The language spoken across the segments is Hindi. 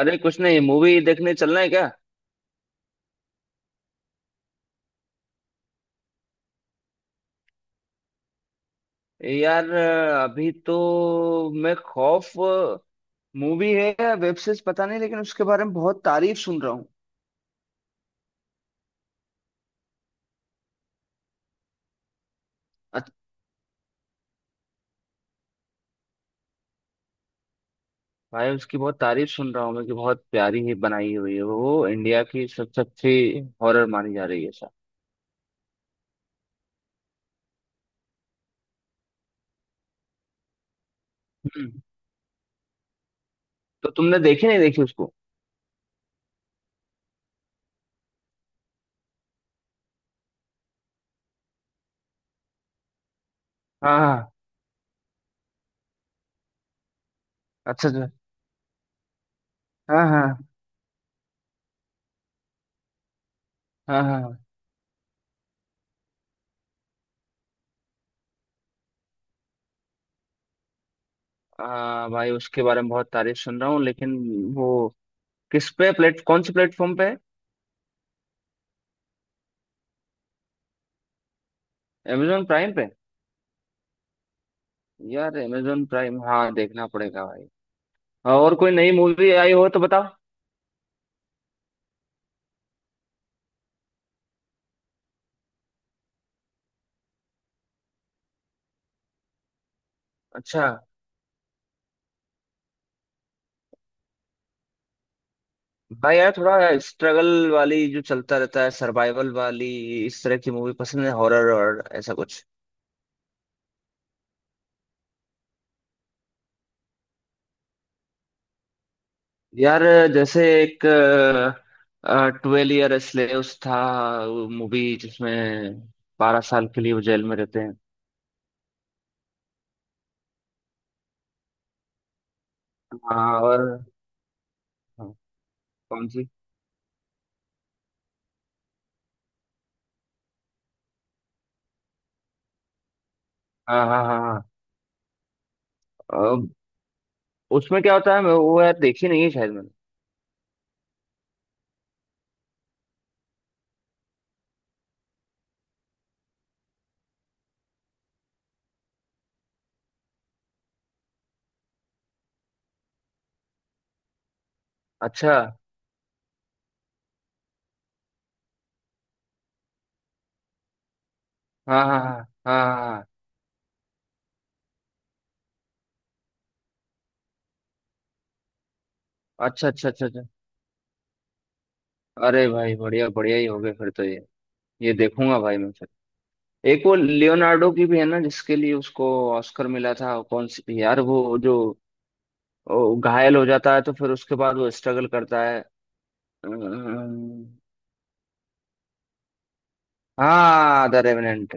अरे कुछ नहीं, मूवी देखने चलना है क्या। यार अभी तो मैं खौफ मूवी है या वेब सीरीज पता नहीं, लेकिन उसके बारे में बहुत तारीफ सुन रहा हूँ। अत- भाई उसकी बहुत तारीफ सुन रहा हूँ मैं कि बहुत प्यारी ही बनाई हुई है वो, इंडिया की सबसे अच्छी हॉरर मानी जा रही है सर। हम्म तो तुमने देखी नहीं, देखी उसको? हाँ हाँ। अच्छा अच्छा। हाँ हाँ। हाँ हाँ। हाँ भाई उसके बारे में बहुत तारीफ सुन रहा हूँ, लेकिन वो किस पे प्लेट कौन से प्लेटफॉर्म पे है? अमेजोन प्राइम पे? यार अमेजोन प्राइम, हाँ देखना पड़ेगा भाई। हाँ, और कोई नई मूवी आई हो तो बताओ। अच्छा। भाई यार थोड़ा स्ट्रगल वाली जो चलता रहता है, सर्वाइवल वाली, इस तरह की मूवी पसंद है, हॉरर और ऐसा कुछ। यार जैसे एक ट्वेल्व ईयर स्लेव्स था, मूवी जिसमें 12 साल के लिए वो जेल में रहते हैं। हाँ और। हाँ, कौन सी? हाँ हाँ हाँ हाँ। अ, उसमें क्या होता है, मैं वो यार देखी नहीं है शायद मैंने। अच्छा। हाँ हाँ हाँ हाँ। हाँ अच्छा अच्छा अच्छा अच्छा। अरे भाई बढ़िया बढ़िया ही हो गए फिर तो ये देखूंगा भाई मैं फिर। एक वो लियोनार्डो की भी है ना जिसके लिए उसको ऑस्कर मिला था, कौन सी थी यार वो जो वो घायल हो जाता है तो फिर उसके बाद वो स्ट्रगल करता है। अम्म, हाँ द रेवेनेंट।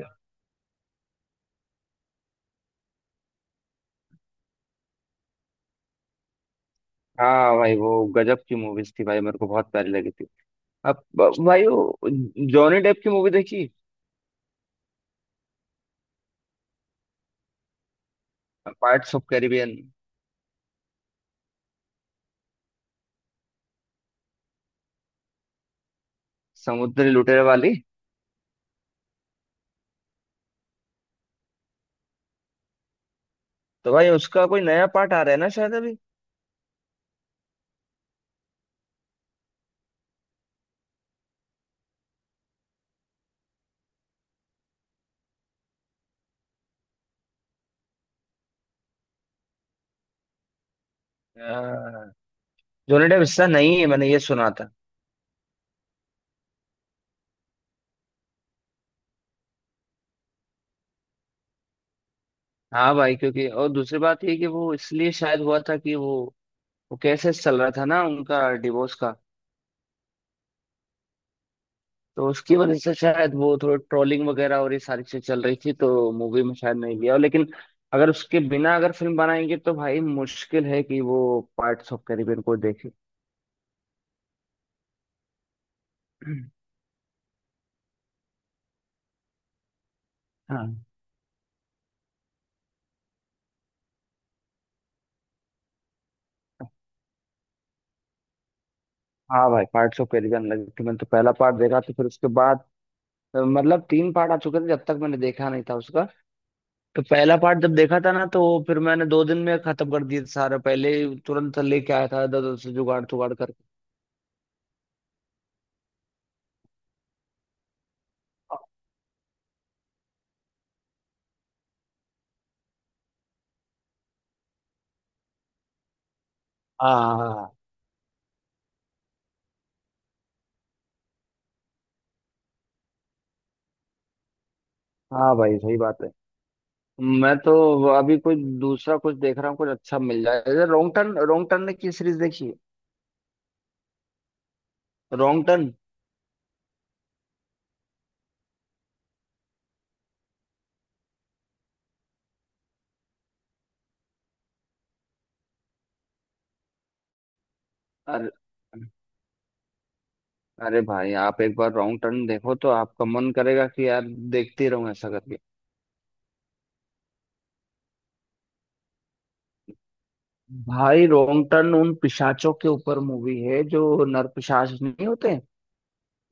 हाँ भाई वो गजब की मूवीज थी भाई, मेरे को बहुत प्यारी लगी थी। अब भाई वो जॉनी डेप की मूवी देखी? पार्ट्स ऑफ कैरिबियन, समुद्री लुटेरे वाली। तो भाई उसका कोई नया पार्ट आ रहा है ना शायद। अभी जोनी डेप हिस्सा नहीं है, मैंने ये सुना था। हाँ भाई, क्योंकि और दूसरी बात ये कि वो इसलिए शायद हुआ था कि वो केसेस चल रहा था ना उनका, डिवोर्स का। तो उसकी वजह से शायद वो थोड़ी ट्रोलिंग वगैरह और ये सारी चीज चल रही थी तो मूवी में शायद नहीं लिया, लेकिन अगर उसके बिना अगर फिल्म बनाएंगे तो भाई मुश्किल है कि वो पार्ट्स ऑफ कैरिबियन को देखे। हाँ। हाँ भाई पार्ट्स ऑफ कैरिबियन लगी थी, मैंने तो पहला पार्ट देखा तो फिर उसके बाद, मतलब तीन पार्ट आ चुके थे जब तक मैंने देखा नहीं था उसका। तो पहला पार्ट जब देखा था ना तो फिर मैंने 2 दिन में खत्म कर दिया था सारा, पहले ही तुरंत लेके आया था इधर से जुगाड़ तुगाड़ करके। हाँ हाँ। हाँ हाँ भाई सही बात है। मैं तो अभी कोई दूसरा कुछ देख रहा हूँ, कुछ अच्छा मिल जाए जैसे रॉन्ग टर्न, रॉन्ग टर्न ने की सीरीज देखी है? Wrong turn. अरे, अरे भाई आप एक बार रॉन्ग टर्न देखो तो आपका मन करेगा कि यार देखते ही रहूं ऐसा करके। भाई रॉन्ग टर्न उन पिशाचों के ऊपर मूवी है जो नरपिशाच नहीं होते।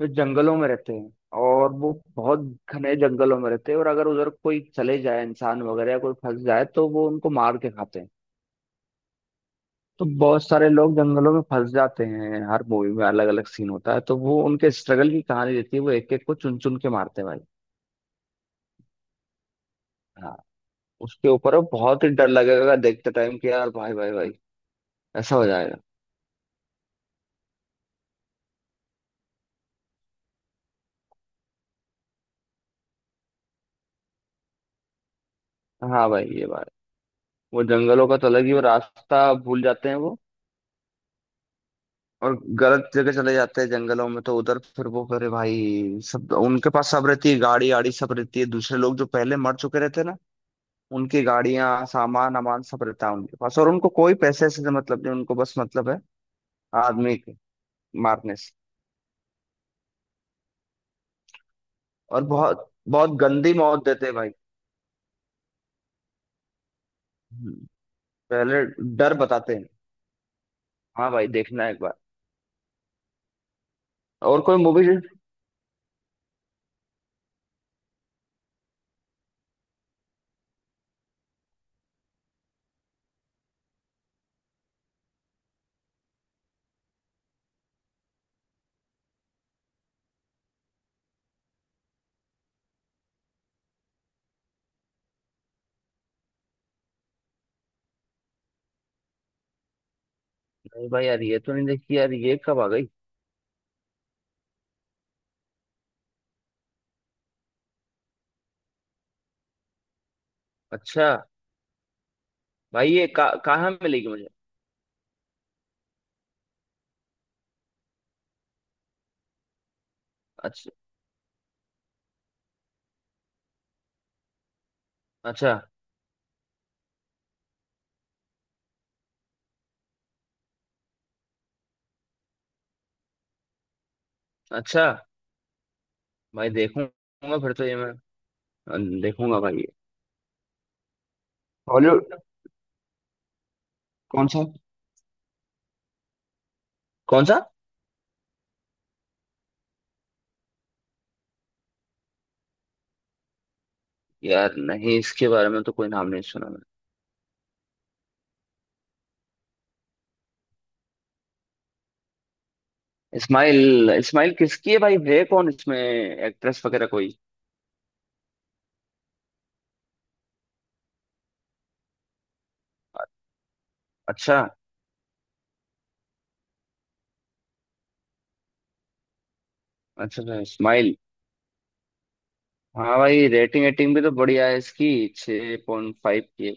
वे जंगलों में रहते हैं, और वो बहुत घने जंगलों में रहते हैं, और अगर उधर कोई चले जाए इंसान वगैरह या कोई फंस जाए तो वो उनको मार के खाते हैं। तो बहुत सारे लोग जंगलों में फंस जाते हैं, हर मूवी में अलग अलग सीन होता है, तो वो उनके स्ट्रगल की कहानी देती है, वो एक एक को चुन चुन के मारते हैं भाई। हाँ। उसके ऊपर अब बहुत ही डर लगेगा देखते टाइम कि यार भाई भाई भाई ऐसा हो जाएगा। हाँ भाई ये बात। वो जंगलों का तो अलग ही, वो रास्ता भूल जाते हैं, वो और गलत जगह चले जाते हैं जंगलों में, तो उधर फिर वो करे भाई, सब उनके पास सब रहती है, गाड़ी आड़ी सब रहती है, दूसरे लोग जो पहले मर चुके रहते हैं ना, उनकी गाड़ियां सामान अमान सब रहता है उनके पास, और उनको कोई पैसे से मतलब नहीं, उनको बस मतलब है आदमी के मारने से। और बहुत बहुत गंदी मौत देते हैं भाई। हम्म, पहले डर बताते हैं। हाँ भाई देखना एक बार। और कोई मूवी नहीं? भाई यार ये तो नहीं देखी यार, ये कब आ गई? अच्छा। भाई ये कहाँ मिलेगी मुझे? अच्छा। अच्छा। अच्छा भाई देखूंगा फिर तो ये मैं। देखूंगा भाई ये। हॉलीवुड। कौन सा? कौन सा? यार नहीं इसके बारे में तो कोई नाम नहीं सुना मैंने। इस्माइल इस्माइल किसकी है भाई, है कौन इसमें एक्ट्रेस वगैरह कोई? अच्छा अच्छा अच्छा इस्माइल। हाँ भाई रेटिंग एटिंग भी तो बढ़िया है इसकी, 6.5 की है।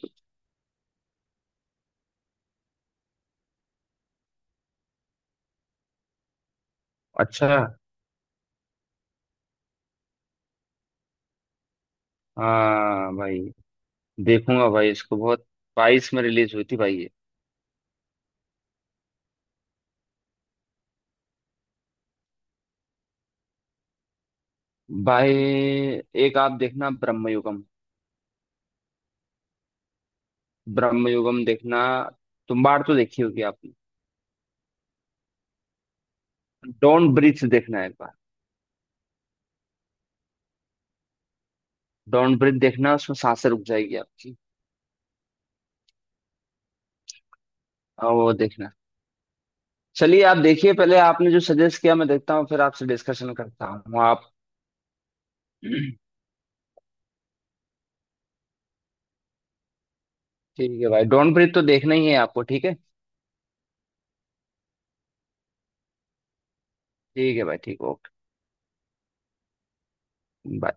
अच्छा। हाँ भाई देखूंगा भाई इसको बहुत। 22 में रिलीज हुई थी भाई ये। भाई एक आप देखना ब्रह्मयुगम। ब्रह्मयुगम देखना। तुम्बाड़ तो देखी होगी आप। डॉन ब्रीथ देखना है एक बार। डॉन ब्रीथ देखना, उसमें सांसें रुक जाएगी आपकी। और वो देखना। चलिए आप देखिए पहले, आपने जो सजेस्ट किया मैं देखता हूँ फिर आपसे डिस्कशन करता हूँ आप। ठीक है भाई, डॉन ब्रीथ तो देखना ही है आपको, ठीक है? ठीक है भाई, ठीक। ओके।